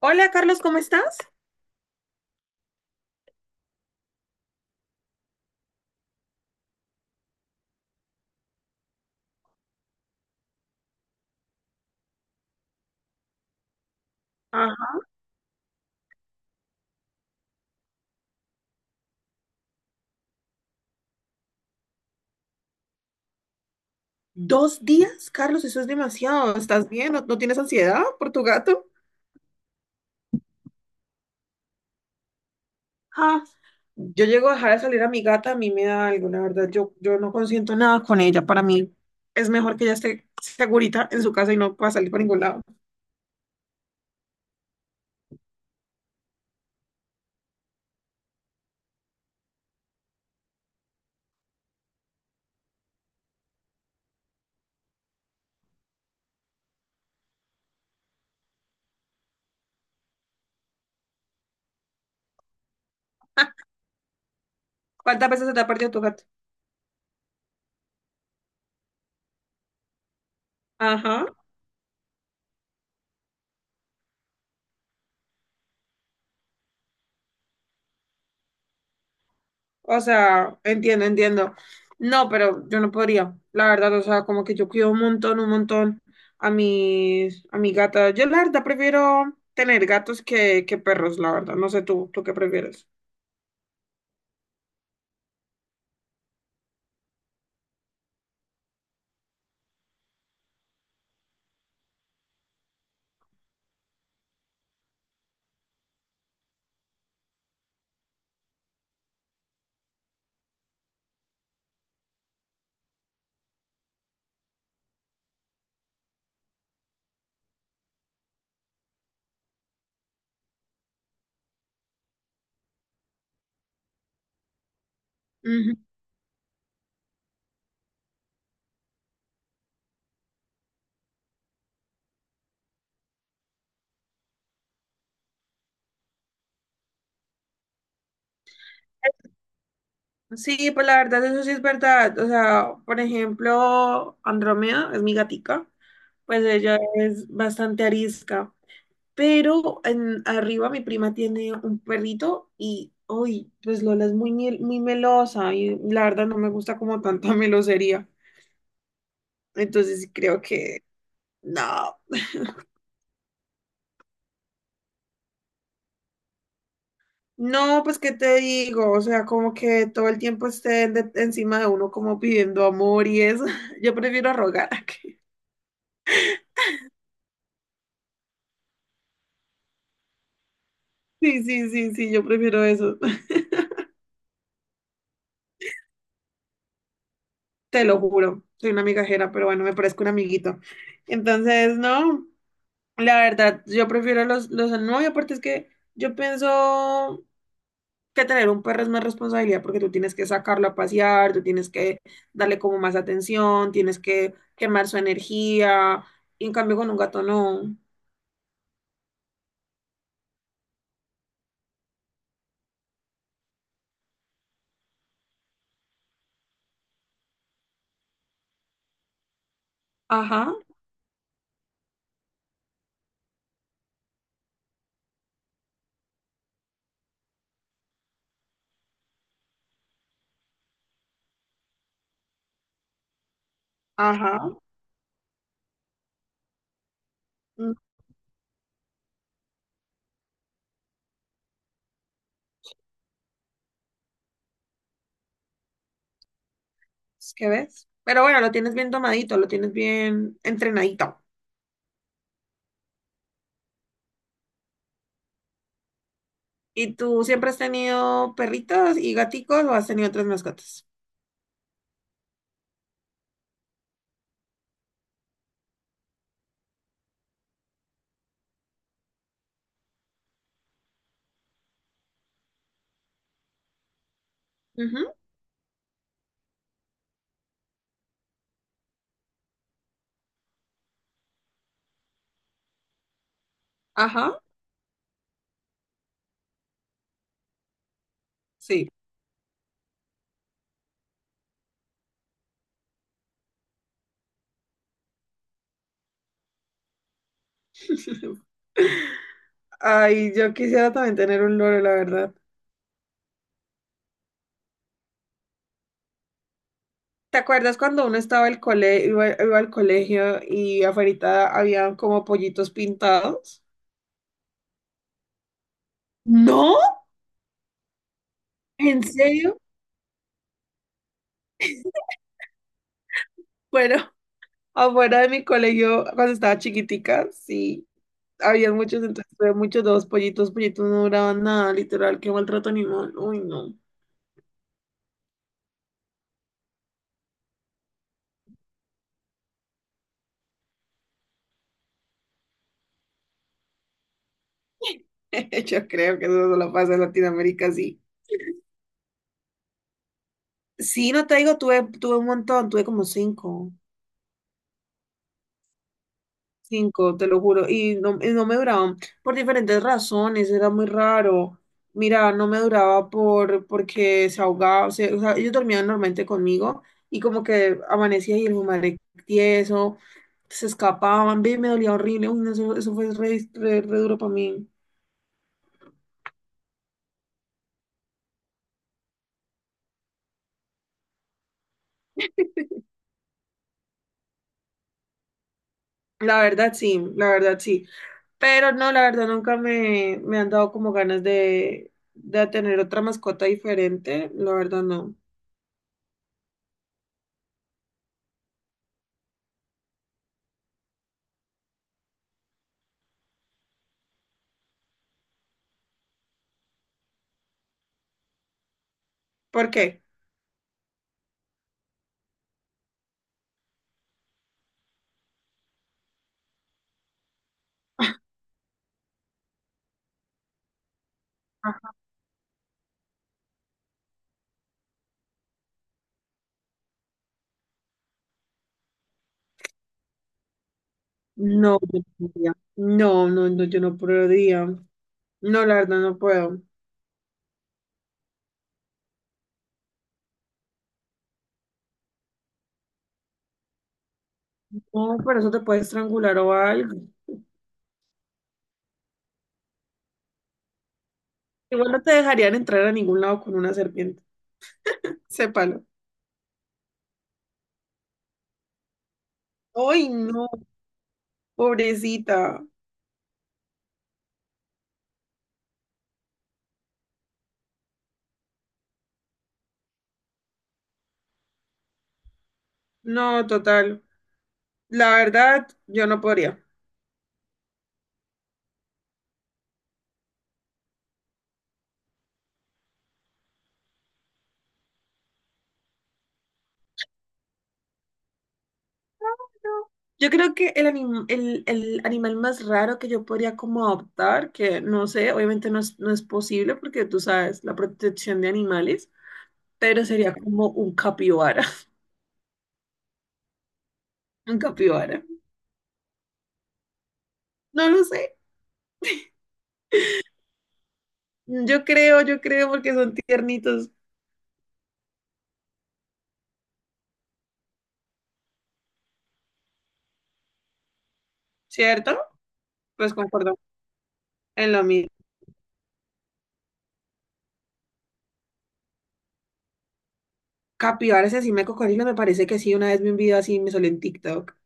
Hola Carlos, ¿cómo estás? Ajá. ¿Dos días? Carlos, eso es demasiado. ¿Estás bien? ¿No, no tienes ansiedad por tu gato? Ah, yo llego a dejar de salir a mi gata, a mí me da algo, la verdad, yo no consiento nada con ella, para mí es mejor que ella esté segurita en su casa y no pueda salir para ningún lado. ¿Cuántas veces se te ha perdido tu gato? Ajá. O sea, entiendo, entiendo. No, pero yo no podría, la verdad, o sea, como que yo cuido un montón a mi gata. Yo la verdad prefiero tener gatos que perros, la verdad. No sé tú, ¿tú qué prefieres? Ujú. Sí, pues la verdad, eso sí es verdad. O sea, por ejemplo, Andrómeda es mi gatica, pues ella es bastante arisca. Pero arriba mi prima tiene un perrito y hoy, pues Lola es muy melosa y la verdad no me gusta como tanta melosería. Entonces creo que no. No, pues qué te digo, o sea, como que todo el tiempo encima de uno como pidiendo amor y eso. Yo prefiero rogar. Sí, sí, sí, sí, yo prefiero eso. Te lo juro, soy una migajera, pero bueno, me parezco un amiguito. Entonces, no. La verdad, yo prefiero los al nuevo y aparte es que yo pienso que tener un perro es más responsabilidad porque tú tienes que sacarlo a pasear, tú tienes que darle como más atención, tienes que quemar su energía, y en cambio con un gato no. Ajá, ajá, mm, ¿es ves? Pero bueno, lo tienes bien tomadito, lo tienes bien entrenadito. ¿Y tú siempre has tenido perritos y gaticos o has tenido otras mascotas? Ujú, ajá, sí. Ay, yo quisiera también tener un loro, la verdad. ¿Te acuerdas cuando uno estaba al cole, iba al colegio y afuera había como pollitos pintados? ¿No? ¿En serio? Bueno, afuera de mi colegio, cuando estaba chiquitica, sí, había muchos, entonces había muchos dos pollitos, pollitos no duraban nada, literal, qué maltrato animal. Uy, no. Yo creo que eso solo pasa en Latinoamérica, sí. Sí, no te digo, tuve un montón, tuve como cinco. Cinco, te lo juro, y no me duraban por diferentes razones, era muy raro. Mira, no me duraba porque se ahogaba, o sea, ellos dormían normalmente conmigo y como que amanecía y el hijo de madre tieso, se escapaban, ve, me dolía horrible, uy, no, eso fue re duro para mí. La verdad sí, pero no, la verdad nunca me han dado como ganas de tener otra mascota diferente, la verdad no. ¿Por qué? No, yo no podría. No, no, no, yo no podría. No, la verdad no puedo. No, por eso te puedes estrangular o algo. Igual no te dejarían entrar a ningún lado con una serpiente. Sépalo. Ay, no, pobrecita. No, total. La verdad, yo no podría. Yo creo que el animal más raro que yo podría como adoptar, que no sé, obviamente no es posible porque tú sabes la protección de animales, pero sería como un capibara. Un capibara. No lo sé. Yo creo porque son tiernitos, ¿cierto? Pues concuerdo en lo mismo. Capibaras así me cocodrilos, me parece que sí. Una vez vi un video así me salió en TikTok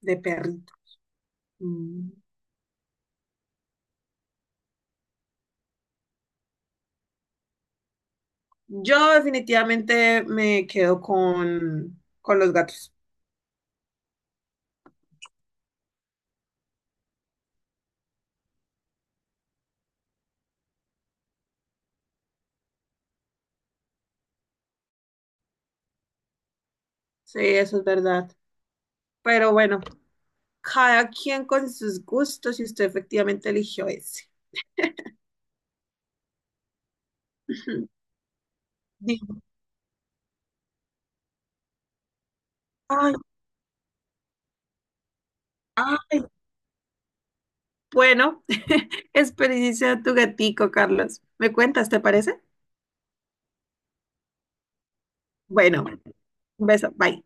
de perrito. Mm. Yo definitivamente me quedo con los gatos. Sí, eso es verdad. Pero bueno, cada quien con sus gustos y usted efectivamente eligió ese. Ujú. Digo, ay, ay, bueno, experiencia tu gatico, Carlos. ¿Me cuentas, te parece? Bueno. Un beso, bye.